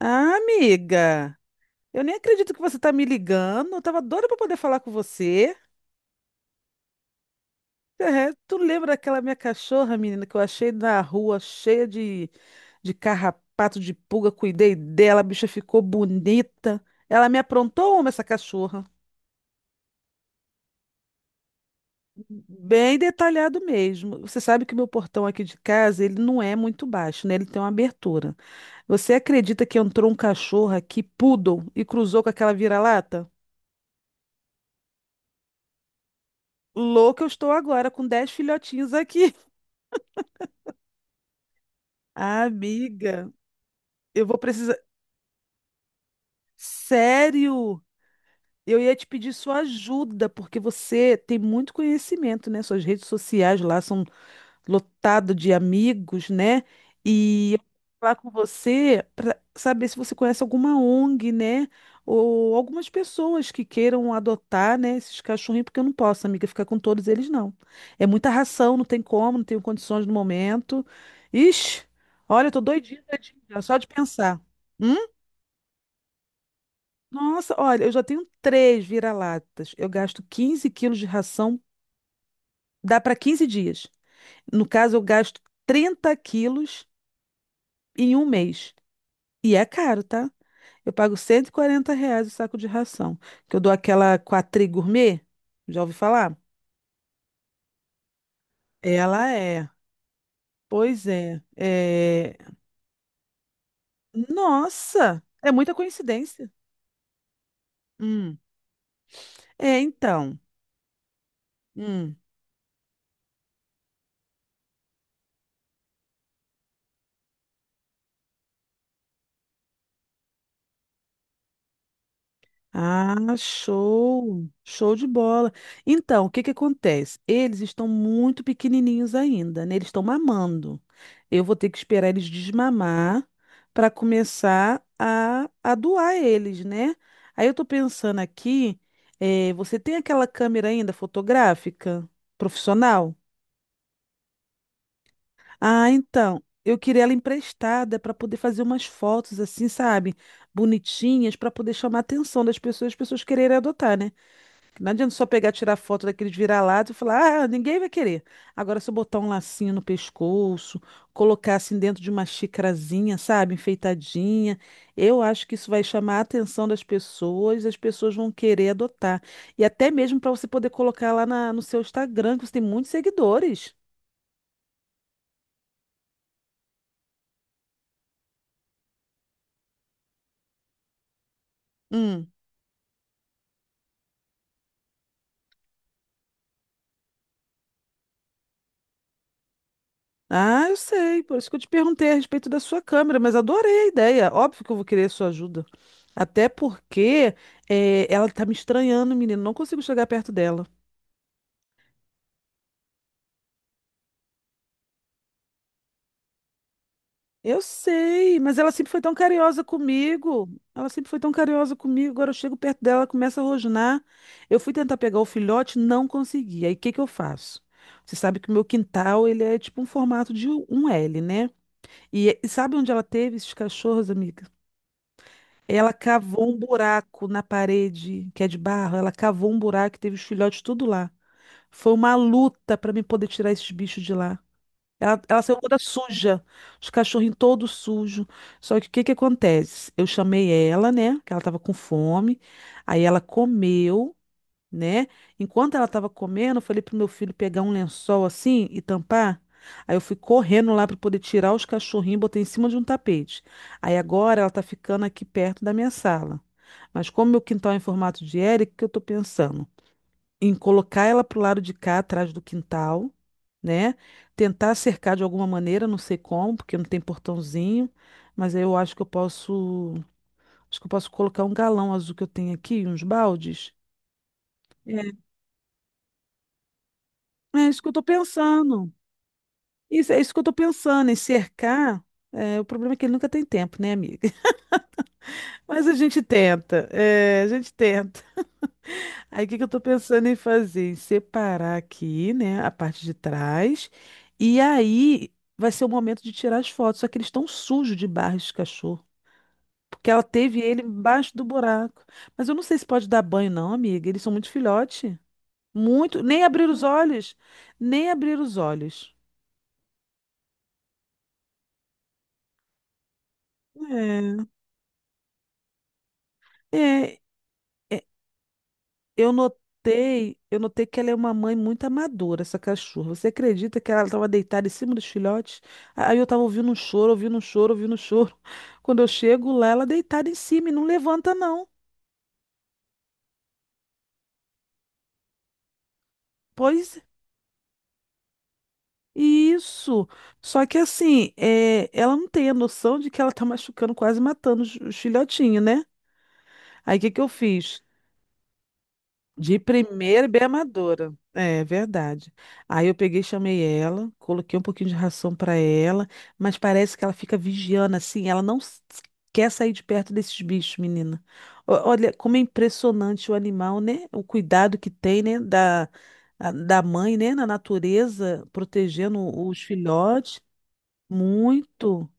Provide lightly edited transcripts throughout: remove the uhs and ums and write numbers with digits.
Ah, amiga, eu nem acredito que você tá me ligando. Eu tava doida pra poder falar com você. É, tu lembra daquela minha cachorra, menina, que eu achei na rua cheia de carrapato, de pulga? Cuidei dela, a bicha ficou bonita. Ela me aprontou uma, essa cachorra. Bem detalhado mesmo. Você sabe que o meu portão aqui de casa, ele não é muito baixo, né? Ele tem uma abertura. Você acredita que entrou um cachorro aqui, poodle, e cruzou com aquela vira-lata? Louca eu estou agora, com 10 filhotinhos aqui. Amiga, eu vou precisar. Sério? Eu ia te pedir sua ajuda, porque você tem muito conhecimento, né? Suas redes sociais lá são lotado de amigos, né? E eu vou falar com você para saber se você conhece alguma ONG, né? Ou algumas pessoas que queiram adotar, né, esses cachorrinhos, porque eu não posso, amiga, ficar com todos eles, não. É muita ração, não tem como, não tenho condições no momento. Ixi, olha, eu tô doidinha, doidinha, já, só de pensar. Hum? Nossa, olha, eu já tenho 3 vira-latas. Eu gasto 15 quilos de ração, dá para 15 dias. No caso, eu gasto 30 quilos em um mês. E é caro, tá? Eu pago R$ 140 o saco de ração. Que eu dou aquela Quatri Gourmet. Já ouvi falar? Ela é. Pois é. É. Nossa! É muita coincidência. Hum. É, então. Hum. Ah, show! Show de bola. Então, o que que acontece? Eles estão muito pequenininhos ainda, né? Eles estão mamando. Eu vou ter que esperar eles desmamar para começar a doar eles, né? Aí eu tô pensando aqui, você tem aquela câmera ainda fotográfica profissional? Ah, então, eu queria ela emprestada para poder fazer umas fotos assim, sabe? Bonitinhas para poder chamar a atenção das pessoas, as pessoas quererem adotar, né? Não adianta só pegar, tirar foto daqueles vira-lata e falar, ah, ninguém vai querer. Agora, se eu botar um lacinho no pescoço, colocar assim dentro de uma xicrazinha, sabe, enfeitadinha, eu acho que isso vai chamar a atenção das pessoas, as pessoas vão querer adotar. E até mesmo para você poder colocar lá no seu Instagram, que você tem muitos seguidores. Hum. Ah, eu sei, por isso que eu te perguntei a respeito da sua câmera, mas adorei a ideia. Óbvio que eu vou querer a sua ajuda. Até porque ela tá me estranhando, menino. Não consigo chegar perto dela. Eu sei, mas ela sempre foi tão carinhosa comigo. Ela sempre foi tão carinhosa comigo. Agora eu chego perto dela, ela começa a rosnar. Eu fui tentar pegar o filhote, não consegui. Aí o que que eu faço? Você sabe que o meu quintal, ele é tipo um formato de um L, né? E sabe onde ela teve esses cachorros, amiga? Ela cavou um buraco na parede, que é de barro. Ela cavou um buraco e teve os filhotes tudo lá. Foi uma luta para mim poder tirar esses bichos de lá. Ela saiu toda suja, os cachorrinhos todos sujos. Só que o que que acontece? Eu chamei ela, né? Que ela tava com fome. Aí ela comeu, né? Enquanto ela estava comendo, eu falei pro meu filho pegar um lençol assim e tampar. Aí eu fui correndo lá para poder tirar os cachorrinhos e botei em cima de um tapete. Aí agora ela tá ficando aqui perto da minha sala. Mas como meu quintal é em formato de L, o que que eu tô pensando? Em colocar ela pro lado de cá, atrás do quintal, né? Tentar cercar de alguma maneira, não sei como, porque não tem portãozinho, mas aí eu acho que eu posso, acho que eu posso colocar um galão azul que eu tenho aqui, uns baldes. É isso que eu tô pensando. Isso, é isso que eu tô pensando, em cercar. É, o problema é que ele nunca tem tempo, né, amiga? Mas a gente tenta, é, a gente tenta. Aí o que que eu tô pensando em fazer? Em separar aqui, né, a parte de trás. E aí vai ser o momento de tirar as fotos. Só que eles estão sujos de barro de cachorro. Porque ela teve ele embaixo do buraco. Mas eu não sei se pode dar banho, não, amiga. Eles são muito filhote. Muito. Nem abrir os olhos. Nem abrir os olhos. É. É, é. Eu notei que ela é uma mãe muito amadora, essa cachorra. Você acredita que ela estava deitada em cima dos filhotes? Aí eu estava ouvindo um choro, ouvindo um choro, ouvindo um choro. Quando eu chego lá, ela deitada em cima e não levanta, não. Pois isso. Só que assim, é, ela não tem a noção de que ela está machucando, quase matando os filhotinhos, né? Aí o que que eu fiz? De primeira, bem amadora. É verdade. Aí eu peguei, e chamei ela, coloquei um pouquinho de ração para ela, mas parece que ela fica vigiando assim, ela não s- quer sair de perto desses bichos, menina. Olha como é impressionante o animal, né? O cuidado que tem, né? Da, da mãe, né? Na natureza, protegendo os filhotes. Muito.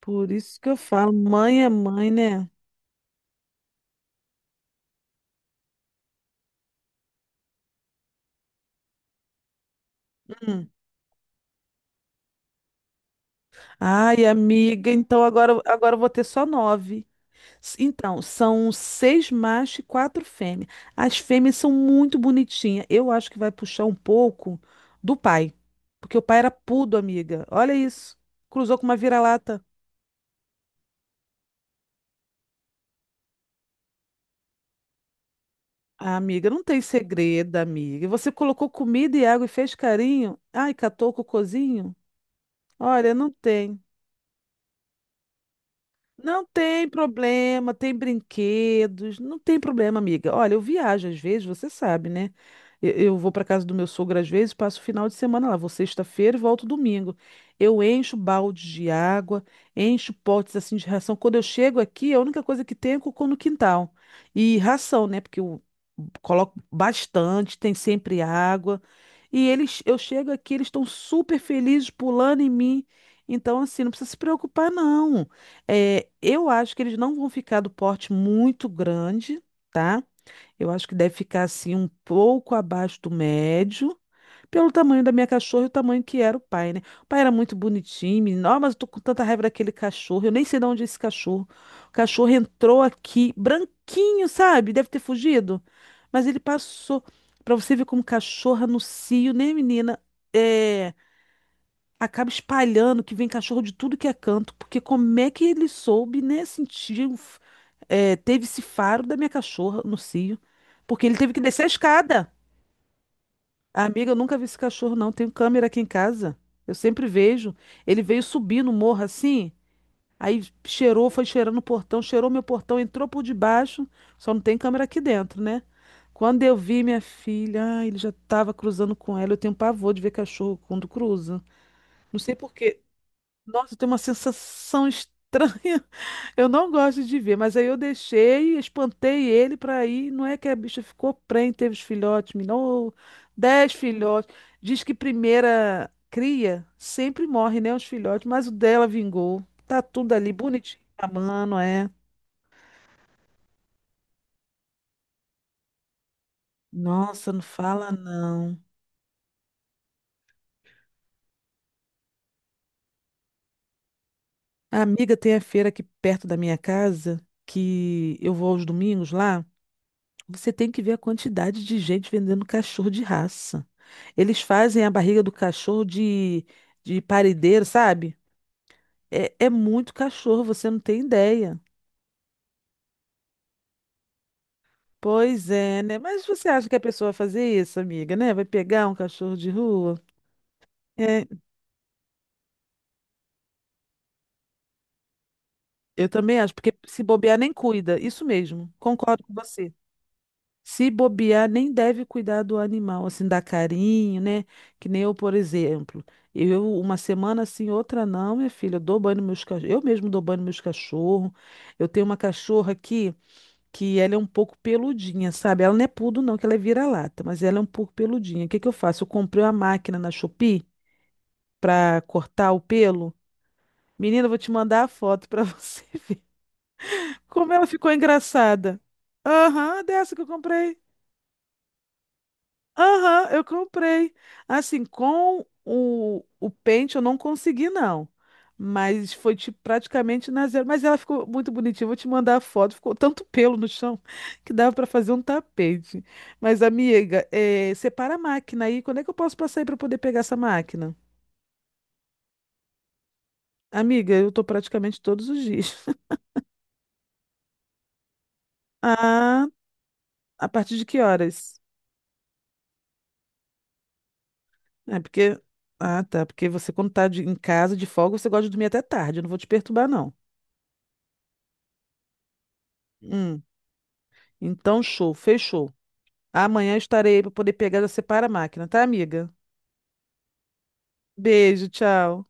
Por isso que eu falo, mãe é mãe, né? Hum. Ai, amiga, então agora, agora eu vou ter só nove. Então, são seis machos e quatro fêmeas. As fêmeas são muito bonitinhas. Eu acho que vai puxar um pouco do pai, porque o pai era pudo, amiga. Olha isso. Cruzou com uma vira-lata. Ah, amiga, não tem segredo, amiga. E você colocou comida e água e fez carinho? Ai, catou o cocôzinho? Olha, não tem. Não tem problema, tem brinquedos, não tem problema, amiga. Olha, eu viajo às vezes, você sabe, né? Eu vou para casa do meu sogro às vezes, passo o final de semana lá, vou sexta-feira e volto domingo. Eu encho baldes de água, encho potes assim de ração. Quando eu chego aqui, a única coisa que tem é cocô no quintal. E ração, né? Porque eu coloco bastante, tem sempre água. E eles, eu chego aqui, eles estão super felizes pulando em mim. Então, assim, não precisa se preocupar, não. É, eu acho que eles não vão ficar do porte muito grande, tá? Eu acho que deve ficar assim um pouco abaixo do médio, pelo tamanho da minha cachorra e o tamanho que era o pai, né? O pai era muito bonitinho, menino. Ó, mas eu tô com tanta raiva daquele cachorro. Eu nem sei de onde é esse cachorro. O cachorro entrou aqui, branquinho, sabe? Deve ter fugido. Mas ele passou. Pra você ver como cachorra no cio, né, menina? É, acaba espalhando que vem cachorro de tudo que é canto, porque como é que ele soube, né, sentir, teve esse faro da minha cachorra no cio, porque ele teve que descer a escada. Amiga, eu nunca vi esse cachorro, não. Tenho câmera aqui em casa. Eu sempre vejo. Ele veio subir no morro assim, aí cheirou, foi cheirando o portão, cheirou meu portão, entrou por debaixo, só não tem câmera aqui dentro, né? Quando eu vi minha filha, ah, ele já estava cruzando com ela. Eu tenho pavor de ver cachorro quando cruza. Não sei por quê. Nossa, tem uma sensação estranha. Eu não gosto de ver, mas aí eu deixei, espantei ele para ir. Não é que a bicha ficou prenhe, teve os filhotes, minou 10 filhotes. Diz que primeira cria sempre morre, né, os filhotes, mas o dela vingou. Tá tudo ali bonitinho, a mano, é. Nossa, não fala não. A amiga tem a feira aqui perto da minha casa, que eu vou aos domingos lá. Você tem que ver a quantidade de gente vendendo cachorro de raça. Eles fazem a barriga do cachorro de paredeiro, sabe? É, é muito cachorro, você não tem ideia. Pois é, né? Mas você acha que a pessoa vai fazer isso, amiga, né? Vai pegar um cachorro de rua? É, eu também acho, porque se bobear nem cuida. Isso mesmo, concordo com você. Se bobear, nem deve cuidar do animal, assim, dar carinho, né? Que nem eu, por exemplo. Eu, uma semana assim, outra não, minha filha. Eu dou banho nos meus cachorros. Eu mesmo dou banho nos meus cachorros. Eu tenho uma cachorra aqui que ela é um pouco peludinha, sabe? Ela não é pudo, não, que ela é vira-lata, mas ela é um pouco peludinha. O que que eu faço? Eu comprei uma máquina na Shopee pra cortar o pelo. Menina, eu vou te mandar a foto pra você ver como ela ficou engraçada. Aham, dessa que eu comprei. Aham, eu comprei. Assim, com o pente eu não consegui, não. Mas foi tipo, praticamente na zero. Mas ela ficou muito bonitinha. Vou te mandar a foto. Ficou tanto pelo no chão que dava para fazer um tapete. Mas, amiga, separa a máquina aí. Quando é que eu posso passar aí para poder pegar essa máquina? Amiga, eu tô praticamente todos os dias. Ah, a partir de que horas? É porque. Ah, tá. Porque você, quando tá em casa de folga, você gosta de dormir até tarde. Eu não vou te perturbar, não. Hum. Então, show, fechou. Amanhã eu estarei aí para poder pegar e já separa a máquina, tá, amiga? Beijo, tchau.